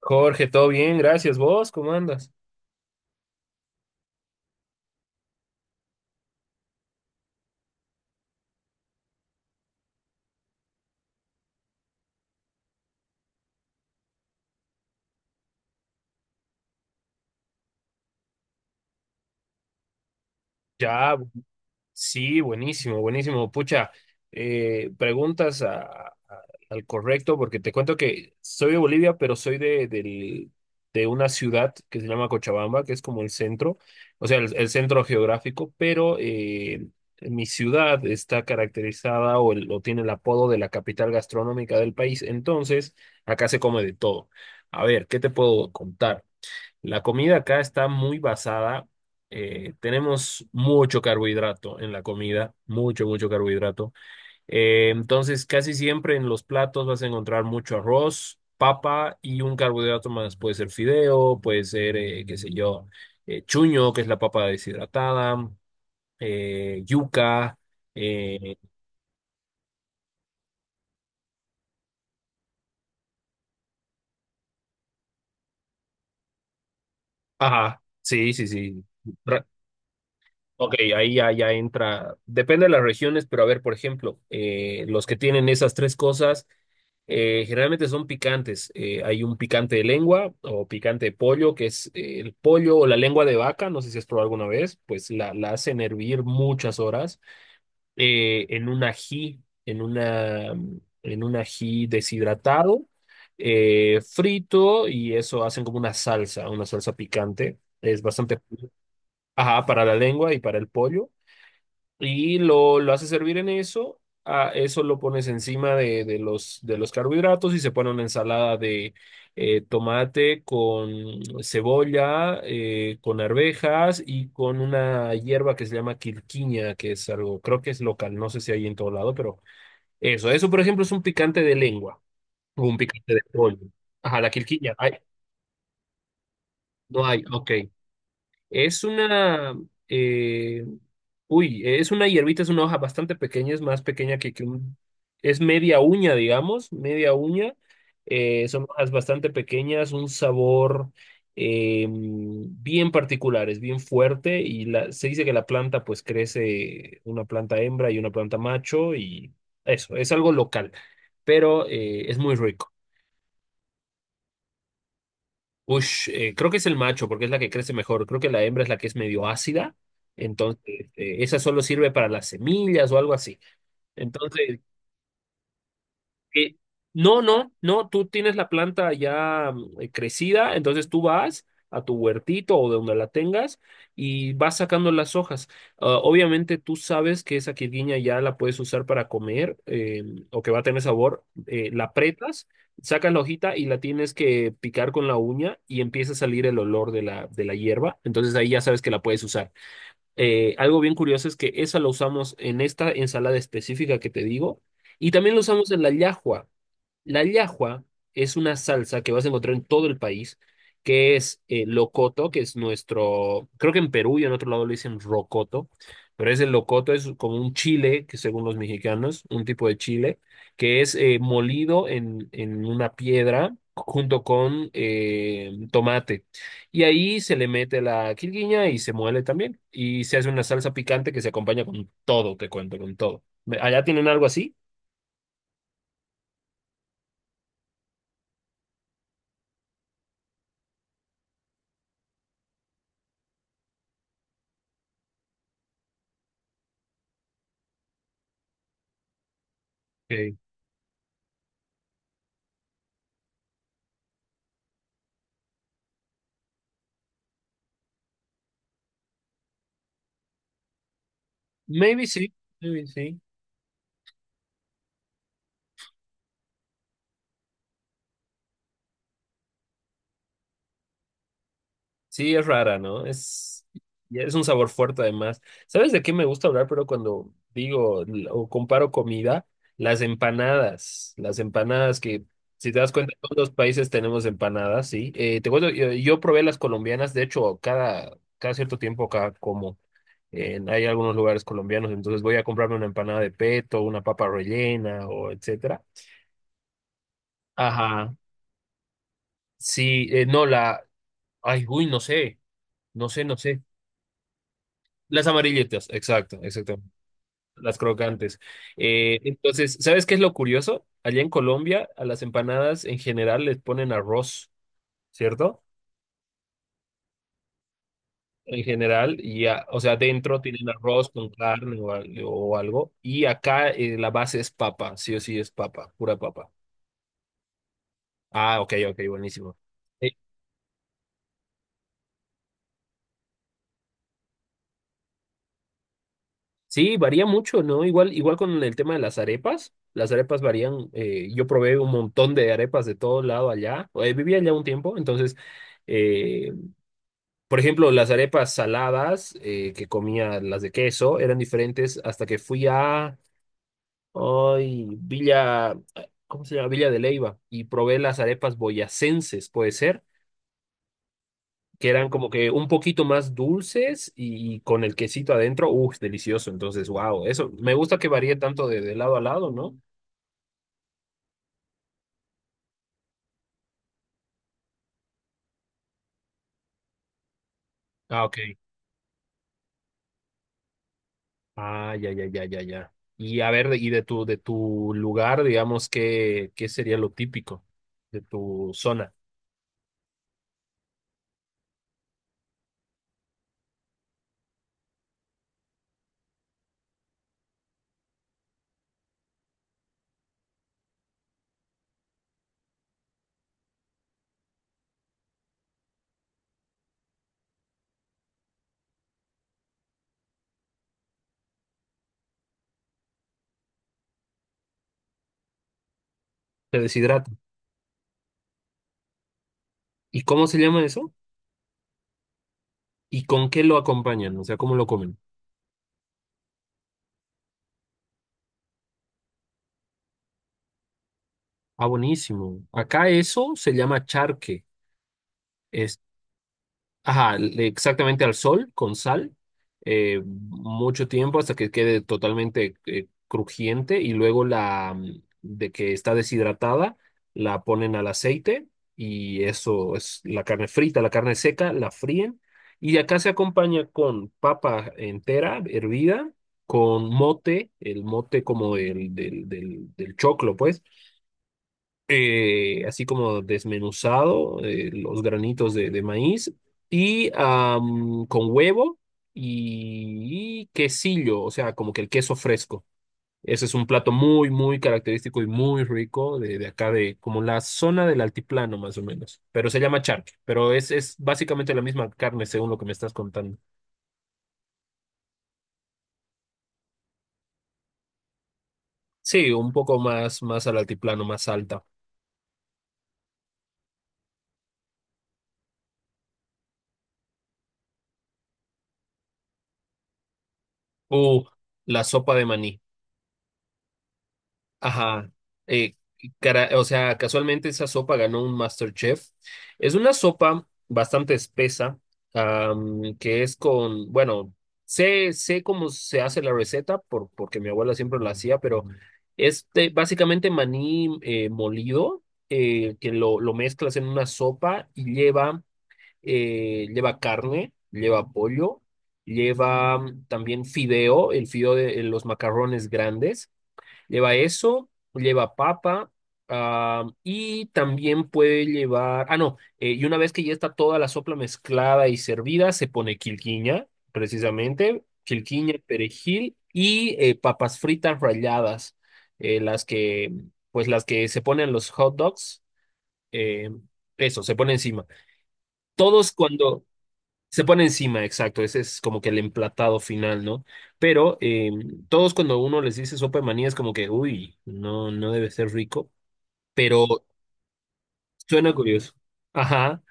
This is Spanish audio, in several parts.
Jorge, todo bien, gracias. ¿Vos cómo andas? Ya, bu- sí, buenísimo, buenísimo. Pucha, preguntas al correcto porque te cuento que soy de Bolivia, pero soy de una ciudad que se llama Cochabamba, que es como el centro, o sea, el centro geográfico, pero mi ciudad está caracterizada o o tiene el apodo de la capital gastronómica del país. Entonces, acá se come de todo. A ver, ¿qué te puedo contar? La comida acá está muy basada, tenemos mucho carbohidrato en la comida, mucho, mucho carbohidrato. Entonces, casi siempre en los platos vas a encontrar mucho arroz, papa y un carbohidrato más. Puede ser fideo, puede ser, qué sé yo, chuño, que es la papa deshidratada, yuca, eh, ajá, sí, sí, sí. Ok, ahí ya, ya entra, depende de las regiones, pero a ver, por ejemplo, los que tienen esas tres cosas generalmente son picantes. Hay un picante de lengua o picante de pollo, que es el pollo o la lengua de vaca, no sé si has probado alguna vez, pues la hacen hervir muchas horas en un ají, en una, en un ají deshidratado, frito y eso hacen como una salsa picante. Es bastante, ajá, para la lengua y para el pollo. Y lo haces servir en eso, a eso lo pones encima de los carbohidratos y se pone una ensalada de tomate con cebolla, con arvejas y con una hierba que se llama quirquiña, que es algo, creo que es local, no sé si hay en todo lado, pero eso por ejemplo es un picante de lengua, o un picante de pollo. Ajá, la quirquiña, ay, no hay, ok. Es una, eh, uy, es una hierbita, es una hoja bastante pequeña, es más pequeña que un, es media uña, digamos, media uña. Son hojas bastante pequeñas, un sabor bien particular, es bien fuerte y la, se dice que la planta pues crece una planta hembra y una planta macho y eso, es algo local, pero es muy rico. Ush, creo que es el macho porque es la que crece mejor. Creo que la hembra es la que es medio ácida. Entonces, esa solo sirve para las semillas o algo así. Entonces, eh, no, no, no, tú tienes la planta ya crecida, entonces tú vas a tu huertito o de donde la tengas y vas sacando las hojas. Ah, obviamente tú sabes que esa quirguiña ya la puedes usar para comer o que va a tener sabor. Eh, la apretas, sacas la hojita y la tienes que picar con la uña y empieza a salir el olor de la hierba. Entonces ahí ya sabes que la puedes usar. Algo bien curioso es que esa la usamos en esta ensalada específica que te digo. Y también lo usamos en la llajua. La llajua es una salsa que vas a encontrar en todo el país, que es locoto, que es nuestro, creo que en Perú y en otro lado le dicen rocoto, pero es el locoto, es como un chile, que según los mexicanos, un tipo de chile, que es molido en una piedra junto con tomate. Y ahí se le mete la quilguiña y se muele también. Y se hace una salsa picante que se acompaña con todo, te cuento, con todo. ¿Allá tienen algo así? Ok. Maybe sí, maybe sí. Sí, es rara, ¿no? Es, y es un sabor fuerte además. ¿Sabes de qué me gusta hablar? Pero cuando digo o comparo comida, las empanadas que, si te das cuenta, todos los países tenemos empanadas, ¿sí? Te cuento, yo probé las colombianas, de hecho, cada, cada cierto tiempo acá como hay algunos lugares colombianos, entonces voy a comprarme una empanada de peto, una papa rellena o etcétera. Ajá. Sí, no, la, ay, uy, no sé, no sé, no sé. Las amarillitas, exacto, exacto. Las crocantes. Entonces, ¿sabes qué es lo curioso? Allá en Colombia, a las empanadas en general les ponen arroz, ¿cierto? En general, y o sea, dentro tienen arroz con carne o o algo. Y acá la base es papa, sí o sí es papa, pura papa. Ah, ok, ok, buenísimo. Eh, Sí, varía mucho, ¿no? Igual, igual con el tema de las arepas. Las arepas varían. Eh, yo probé un montón de arepas de todo lado allá. Eh, vivía allá un tiempo, entonces, eh, por ejemplo, las arepas saladas que comía, las de queso, eran diferentes hasta que fui a ay, Villa, ¿cómo se llama? Villa de Leyva y probé las arepas boyacenses, puede ser. Que eran como que un poquito más dulces y con el quesito adentro, uff, delicioso. Entonces, wow, eso, me gusta que varíe tanto de lado a lado, ¿no? Ah, ok. Ah, ya, ya, ya, ya, ya. Y a ver, y de tu lugar, digamos, ¿qué, qué sería lo típico de tu zona? Te deshidrata. ¿Y cómo se llama eso? ¿Y con qué lo acompañan? O sea, ¿cómo lo comen? Ah, buenísimo. Acá eso se llama charque. Ajá, exactamente al sol, con sal, mucho tiempo hasta que quede totalmente crujiente y luego de que está deshidratada, la ponen al aceite y eso es la carne frita, la carne seca, la fríen y acá se acompaña con papa entera, hervida, con mote, el mote como el del choclo, pues así como desmenuzado, los granitos de maíz, y am, con huevo y quesillo, o sea, como que el queso fresco. Ese es un plato muy, muy característico y muy rico de acá, de como la zona del altiplano, más o menos. Pero se llama charque, pero es básicamente la misma carne, según lo que me estás contando. Sí, un poco más, más al altiplano, más alta. O la sopa de maní. Ajá. Eh, o sea, casualmente esa sopa ganó un MasterChef. Es una sopa bastante espesa, am, que es con, bueno, sé, sé cómo se hace la receta por, porque mi abuela siempre la hacía, pero es básicamente maní molido, que lo mezclas en una sopa y lleva, lleva carne, lleva pollo, lleva también fideo, el fideo de los macarrones grandes. Lleva eso, lleva papa, ah, y también puede llevar, ah, no, y una vez que ya está toda la sopla mezclada y servida, se pone quilquiña, precisamente, quilquiña, perejil y papas fritas ralladas, eh, las que, pues las que se ponen los hot dogs, eh, eso, se pone encima. Todos cuando, se pone encima, exacto, ese es como que el emplatado final, ¿no? Pero todos cuando uno les dice sopa de maní es como que, uy, no, no debe ser rico, pero suena curioso. Ajá,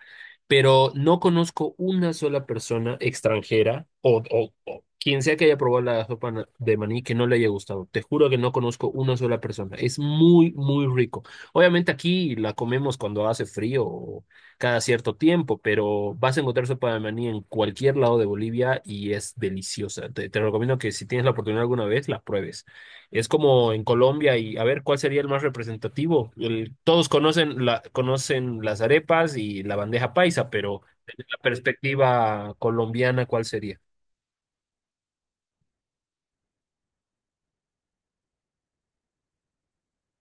pero no conozco una sola persona extranjera o o quien sea que haya probado la sopa de maní que no le haya gustado. Te juro que no conozco una sola persona. Es muy, muy rico. Obviamente aquí la comemos cuando hace frío o cada cierto tiempo, pero vas a encontrar sopa de maní en cualquier lado de Bolivia y es deliciosa. Te recomiendo que si tienes la oportunidad alguna vez, la pruebes. Es como en Colombia y a ver cuál sería el más representativo. Todos conocen la, conocen las arepas y la bandeja paisa, pero desde la perspectiva colombiana, ¿cuál sería?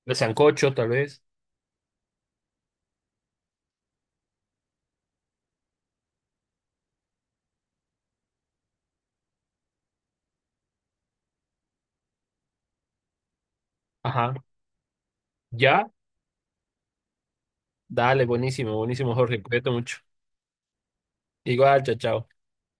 El sancocho, tal vez. Ajá. ¿Ya? Dale, buenísimo, buenísimo, Jorge. Cuídate mucho. Igual, chao, chao.